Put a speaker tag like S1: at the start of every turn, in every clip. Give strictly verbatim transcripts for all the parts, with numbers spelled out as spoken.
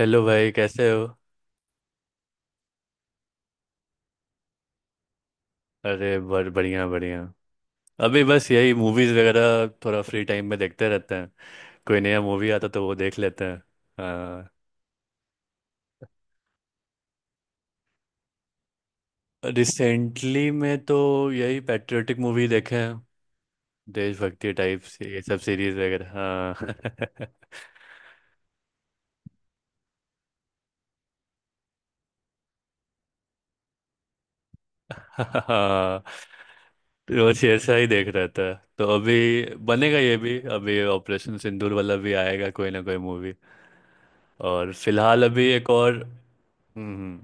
S1: Hello भाई कैसे हो। अरे बर बढ़िया बढ़िया। अभी बस यही मूवीज वगैरह थोड़ा फ्री टाइम में देखते रहते हैं। कोई नया मूवी आता तो वो देख लेते हैं। हाँ। रिसेंटली में तो यही पैट्रियोटिक मूवी देखे हैं। देशभक्ति टाइप से ये सब सीरीज वगैरह हाँ। हाँ। रोज ऐसा ही देख रहा था तो अभी बनेगा ये भी, अभी ऑपरेशन सिंदूर वाला भी आएगा कोई ना कोई मूवी। और फिलहाल अभी एक और। हम्म, हम्म।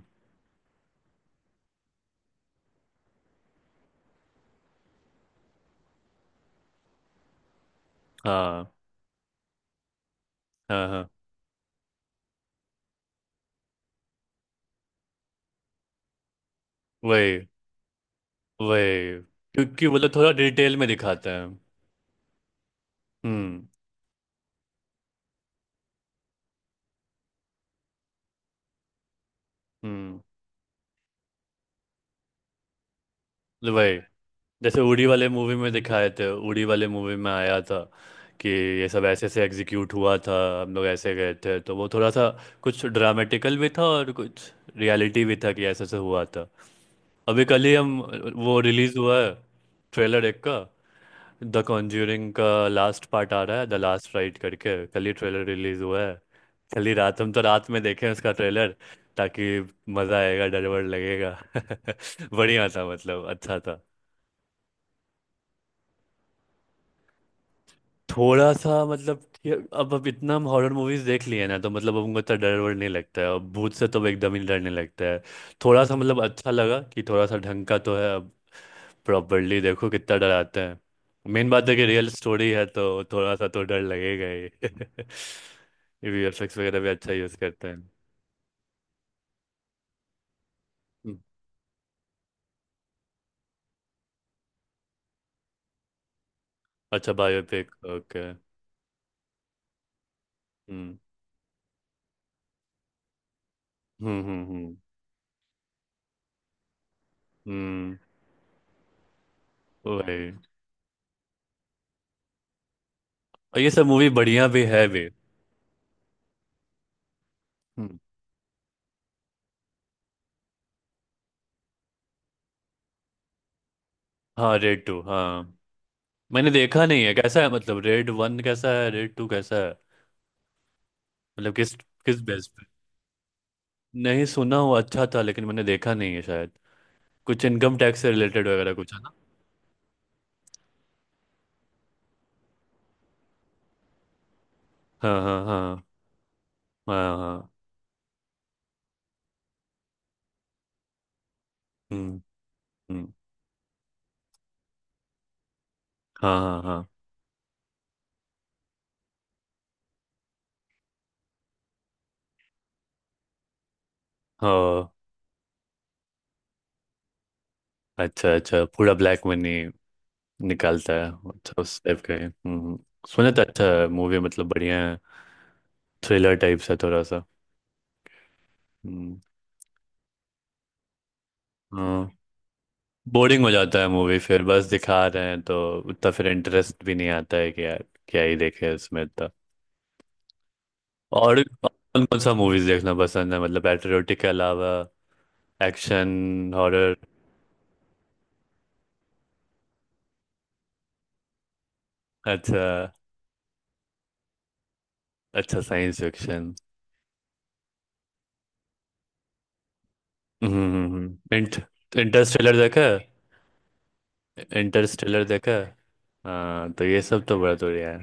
S1: हाँ, हाँ, हाँ। वही वही क्योंकि वो लोग थोड़ा डिटेल में दिखाते हैं। हम्म, हम्म। वही, जैसे उड़ी वाले मूवी में दिखाए थे, उड़ी वाले मूवी में आया था कि ये सब ऐसे ऐसे एग्जीक्यूट हुआ था, हम लोग ऐसे गए थे, तो वो थोड़ा सा कुछ ड्रामेटिकल भी था और कुछ रियलिटी भी था कि ऐसे ऐसे हुआ था। अभी कल ही हम, वो रिलीज हुआ है ट्रेलर एक का, द कॉन्ज्यूरिंग का लास्ट पार्ट आ रहा है द लास्ट राइट करके, कल ही ट्रेलर रिलीज हुआ है। चलिए रात हम तो रात में देखें उसका ट्रेलर ताकि मजा आएगा, डर वर लगेगा। बढ़िया था मतलब अच्छा था। थोड़ा सा मतलब कि अब अब इतना हम हॉरर मूवीज देख लिए ना, तो मतलब अब उनको इतना डर वर नहीं लगता है, अब भूत से तो एकदम ही डरने लगता है। थोड़ा सा मतलब अच्छा लगा कि थोड़ा सा ढंग का तो है अब, प्रॉपरली देखो कितना डराते हैं। मेन बात है कि रियल स्टोरी है तो थोड़ा सा तो डर लगेगा ही। वीएफएक्स वगैरह भी अच्छा यूज करते हैं। हम्म। अच्छा, biopic okay. Hmm, hmm, hmm. Hmm. वही। और ये सब मूवी बढ़िया भी है भी। हम्म। हाँ, रेड टू, हाँ मैंने देखा नहीं है, कैसा है मतलब? रेड वन कैसा है, रेड टू कैसा है? मतलब किस, किस बेस पे? नहीं, सुना हुआ अच्छा था लेकिन मैंने देखा नहीं है शायद। कुछ इनकम टैक्स से रिलेटेड वगैरह कुछ है ना? हाँ, हाँ, हाँ। हाँ, हाँ। हम्म, हम्म। हाँ, हाँ, हाँ। हाँ, अच्छा अच्छा, पूरा ब्लैक मनी निकालता है। अच्छा, उस टाइप का है। हम्म। सुना तो अच्छा है मूवी, मतलब बढ़िया है। थ्रिलर टाइप सा थोड़ा सा। हम्म। हाँ, बोरिंग हो जाता है मूवी फिर, बस दिखा रहे हैं तो उतना फिर इंटरेस्ट भी नहीं आता है कि यार क्या ही देखे इसमें इतना। और कौन कौन सा मूवीज देखना पसंद है मतलब, पैट्रियोटिक के अलावा? Action, horror. अच्छा। अच्छा, साइंस फिक्शन। हम्म इंट इंटरस्टेलर देखा है? इंटरस्टेलर देखा है। हाँ तो ये सब तो बड़ा बढ़िया है।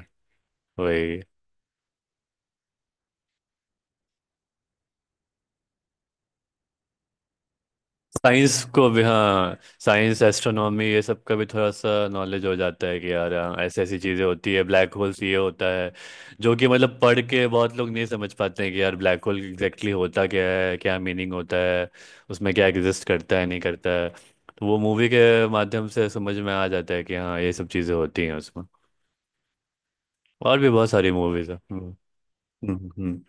S1: वही। साइंस को भी, हाँ साइंस, एस्ट्रोनॉमी, ये सब का भी थोड़ा सा नॉलेज हो जाता है कि यार हाँ, ऐसी ऐसी चीज़ें होती है, ब्लैक होल्स ये होता है, जो कि मतलब पढ़ के बहुत लोग नहीं समझ पाते हैं कि यार ब्लैक होल एग्जैक्टली होता क्या है, क्या मीनिंग होता है, उसमें क्या एग्जिस्ट करता है नहीं करता है। तो वो मूवी के माध्यम से समझ में आ जाता है कि हाँ ये सब चीज़ें होती हैं उसमें। और भी बहुत सारी मूवीज़ हैं। हम्म, हम्म, हम्म। हम्म।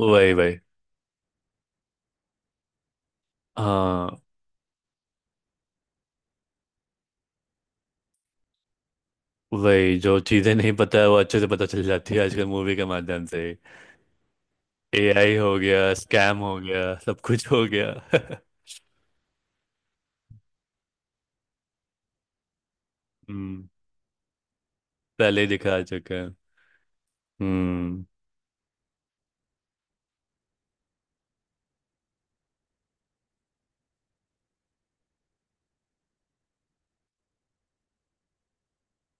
S1: वही वही। हाँ, वही, जो चीज़ें नहीं पता है वो अच्छे से पता चल जाती है आजकल मूवी के माध्यम से। एआई हो गया, स्कैम हो गया, सब कुछ हो गया। हम्म। पहले ही दिखा चुके हैं। हम्म।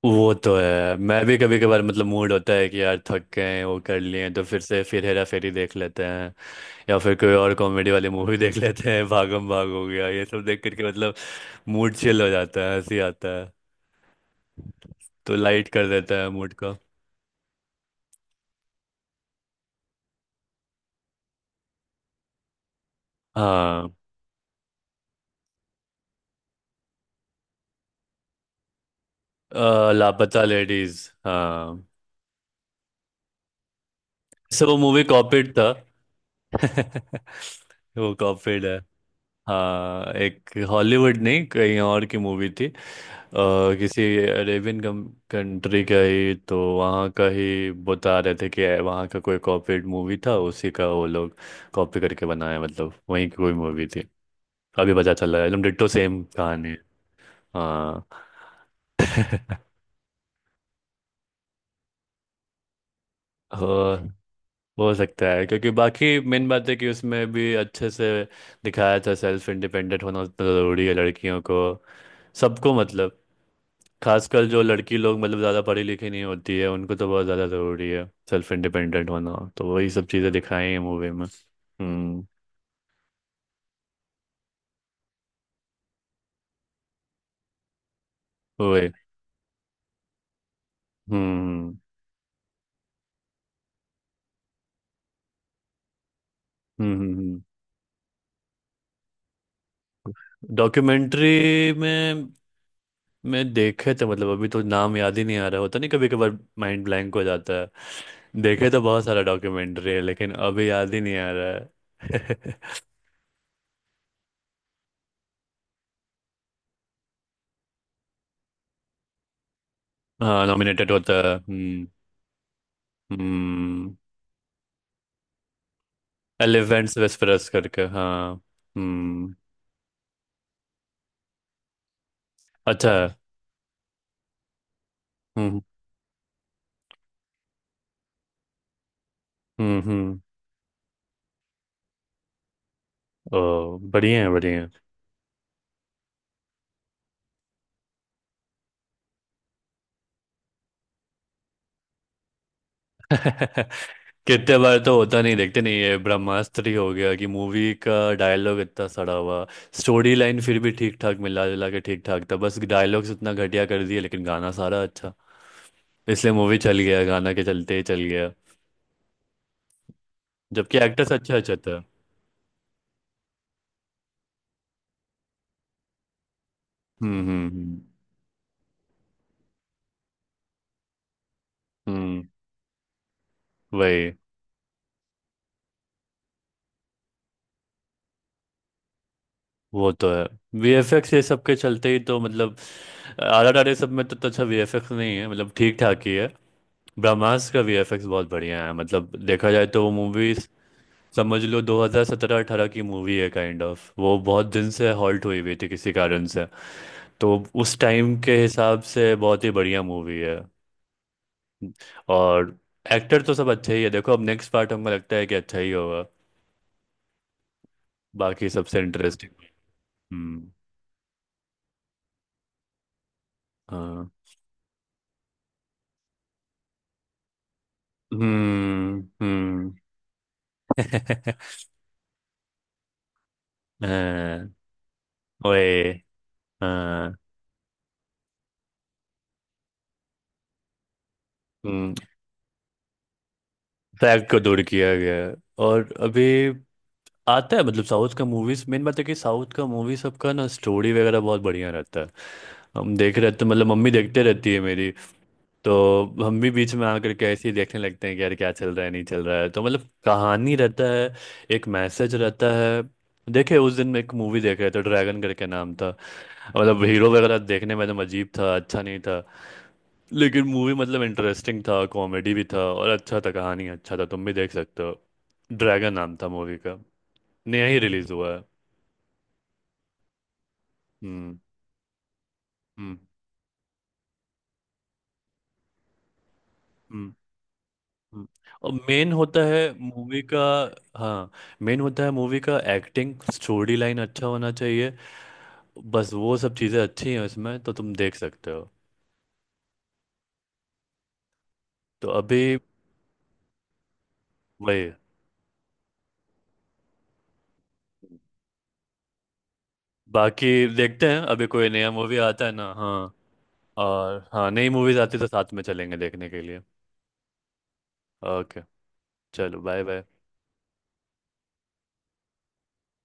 S1: वो तो है, मैं भी कभी कभार मतलब मूड होता है कि यार थक गए हैं, वो कर लिए हैं, तो फिर से फिर हेरा फेरी देख लेते हैं, या फिर कोई और कॉमेडी वाली मूवी देख लेते हैं, भागम भाग हो गया ये सब देख करके, मतलब मूड चिल हो जाता है, हंसी आता है, तो लाइट कर देता है मूड को। हाँ। अ, लापता लेडीज। हाँ। सो वो मूवी कॉपीड था। वो कॉपीड है। हाँ, एक हॉलीवुड नहीं कहीं और की मूवी थी। अ, किसी अरेबियन कंट्री का ही, तो वहाँ का ही बता रहे थे कि वहाँ का कोई कॉपीड मूवी था उसी का, वो लोग कॉपी करके बनाया, मतलब वहीं की कोई मूवी थी। अभी पता चला है एकदम डिट्टो सेम कहानी है। हाँ। हो हो सकता है क्योंकि बाकी मेन बात है कि उसमें भी अच्छे से दिखाया था, सेल्फ इंडिपेंडेंट होना उतना ज़रूरी है लड़कियों को, सबको, मतलब खासकर जो लड़की लोग मतलब ज़्यादा पढ़ी लिखी नहीं होती है उनको तो बहुत ज़्यादा ज़रूरी है सेल्फ इंडिपेंडेंट होना, तो वही सब चीज़ें दिखाई हैं मूवी में। हम्म। वही। हम्म, हम्म। डॉक्यूमेंट्री में मैं देखे थे मतलब, अभी तो नाम याद ही नहीं आ रहा, होता नहीं कभी कभार माइंड ब्लैंक हो जाता है, देखे तो बहुत सारा डॉक्यूमेंट्री है लेकिन अभी याद ही नहीं आ रहा है। हाँ, नॉमिनेटेड होता है। हम्म। हम्म। एलिफेंट्स वेस्परस करके, हाँ। हम्म। अच्छा है। हम्म, हम्म, हम्म। ओ बढ़िया है, बढ़िया है। कितने बार तो होता नहीं, देखते नहीं, ये ब्रह्मास्त्र ही हो गया कि मूवी का डायलॉग इतना सड़ा हुआ, स्टोरी लाइन फिर भी ठीक ठाक मिला जुला के ठीक ठाक था, बस डायलॉग्स इतना घटिया कर दिए, लेकिन गाना सारा अच्छा, इसलिए मूवी चल गया, गाना के चलते ही चल गया। जबकि एक्टर्स अच्छा अच्छा था। हम्म, हम्म, हम्म। हम्म। वही। वो तो है, वीएफएक्स ये सब के चलते ही तो मतलब आर आर आर सब में तो, तो अच्छा वीएफएक्स नहीं है, मतलब ठीक ठाक ही है। ब्रह्मास्त्र का वीएफएक्स बहुत बढ़िया है, मतलब देखा जाए तो वो मूवी, समझ लो दो हज़ार सत्रह-अठारह की मूवी है काइंड ऑफ, वो बहुत दिन से हॉल्ट हुई हुई थी किसी कारण से, तो उस टाइम के हिसाब से बहुत ही बढ़िया मूवी है। और एक्टर तो सब अच्छे ही है, देखो अब नेक्स्ट पार्ट हमको लगता है कि अच्छा ही होगा, बाकी सबसे इंटरेस्टिंग। हम्म। हाँ। हम्म, हम्म। हाँ। ओए, हाँ। हम्म। फैक्ट को दूर किया गया है। और अभी आता है मतलब साउथ का मूवीज, मेन बात है कि साउथ का मूवी सबका ना स्टोरी वगैरह बहुत बढ़िया रहता है। हम देख रहे तो मतलब, मम्मी देखते रहती है मेरी, तो हम भी बीच में आकर के ऐसे ही देखने लगते हैं कि यार क्या चल रहा है नहीं चल रहा है, तो मतलब कहानी रहता है, एक मैसेज रहता है। देखे उस दिन मैं एक मूवी देख रहा था, ड्रैगन करके नाम था, मतलब हीरो वगैरह देखने में एकदम अजीब था, अच्छा नहीं था, लेकिन मूवी मतलब इंटरेस्टिंग था, कॉमेडी भी था और अच्छा था, कहानी अच्छा था, तुम भी देख सकते हो। ड्रैगन नाम था मूवी, नया ही रिलीज हुआ है। हम्म, हम्म, हम्म। हम्म। और मेन होता है मूवी का, हाँ मेन होता है मूवी का, एक्टिंग स्टोरी लाइन अच्छा होना चाहिए, बस वो सब चीज़ें अच्छी हैं उसमें तो तुम देख सकते हो। तो अभी वही। बाकी देखते हैं अभी कोई नया मूवी आता है ना, हाँ। और हाँ, नई मूवीज आती है तो साथ में चलेंगे देखने के लिए। ओके चलो, बाय बाय।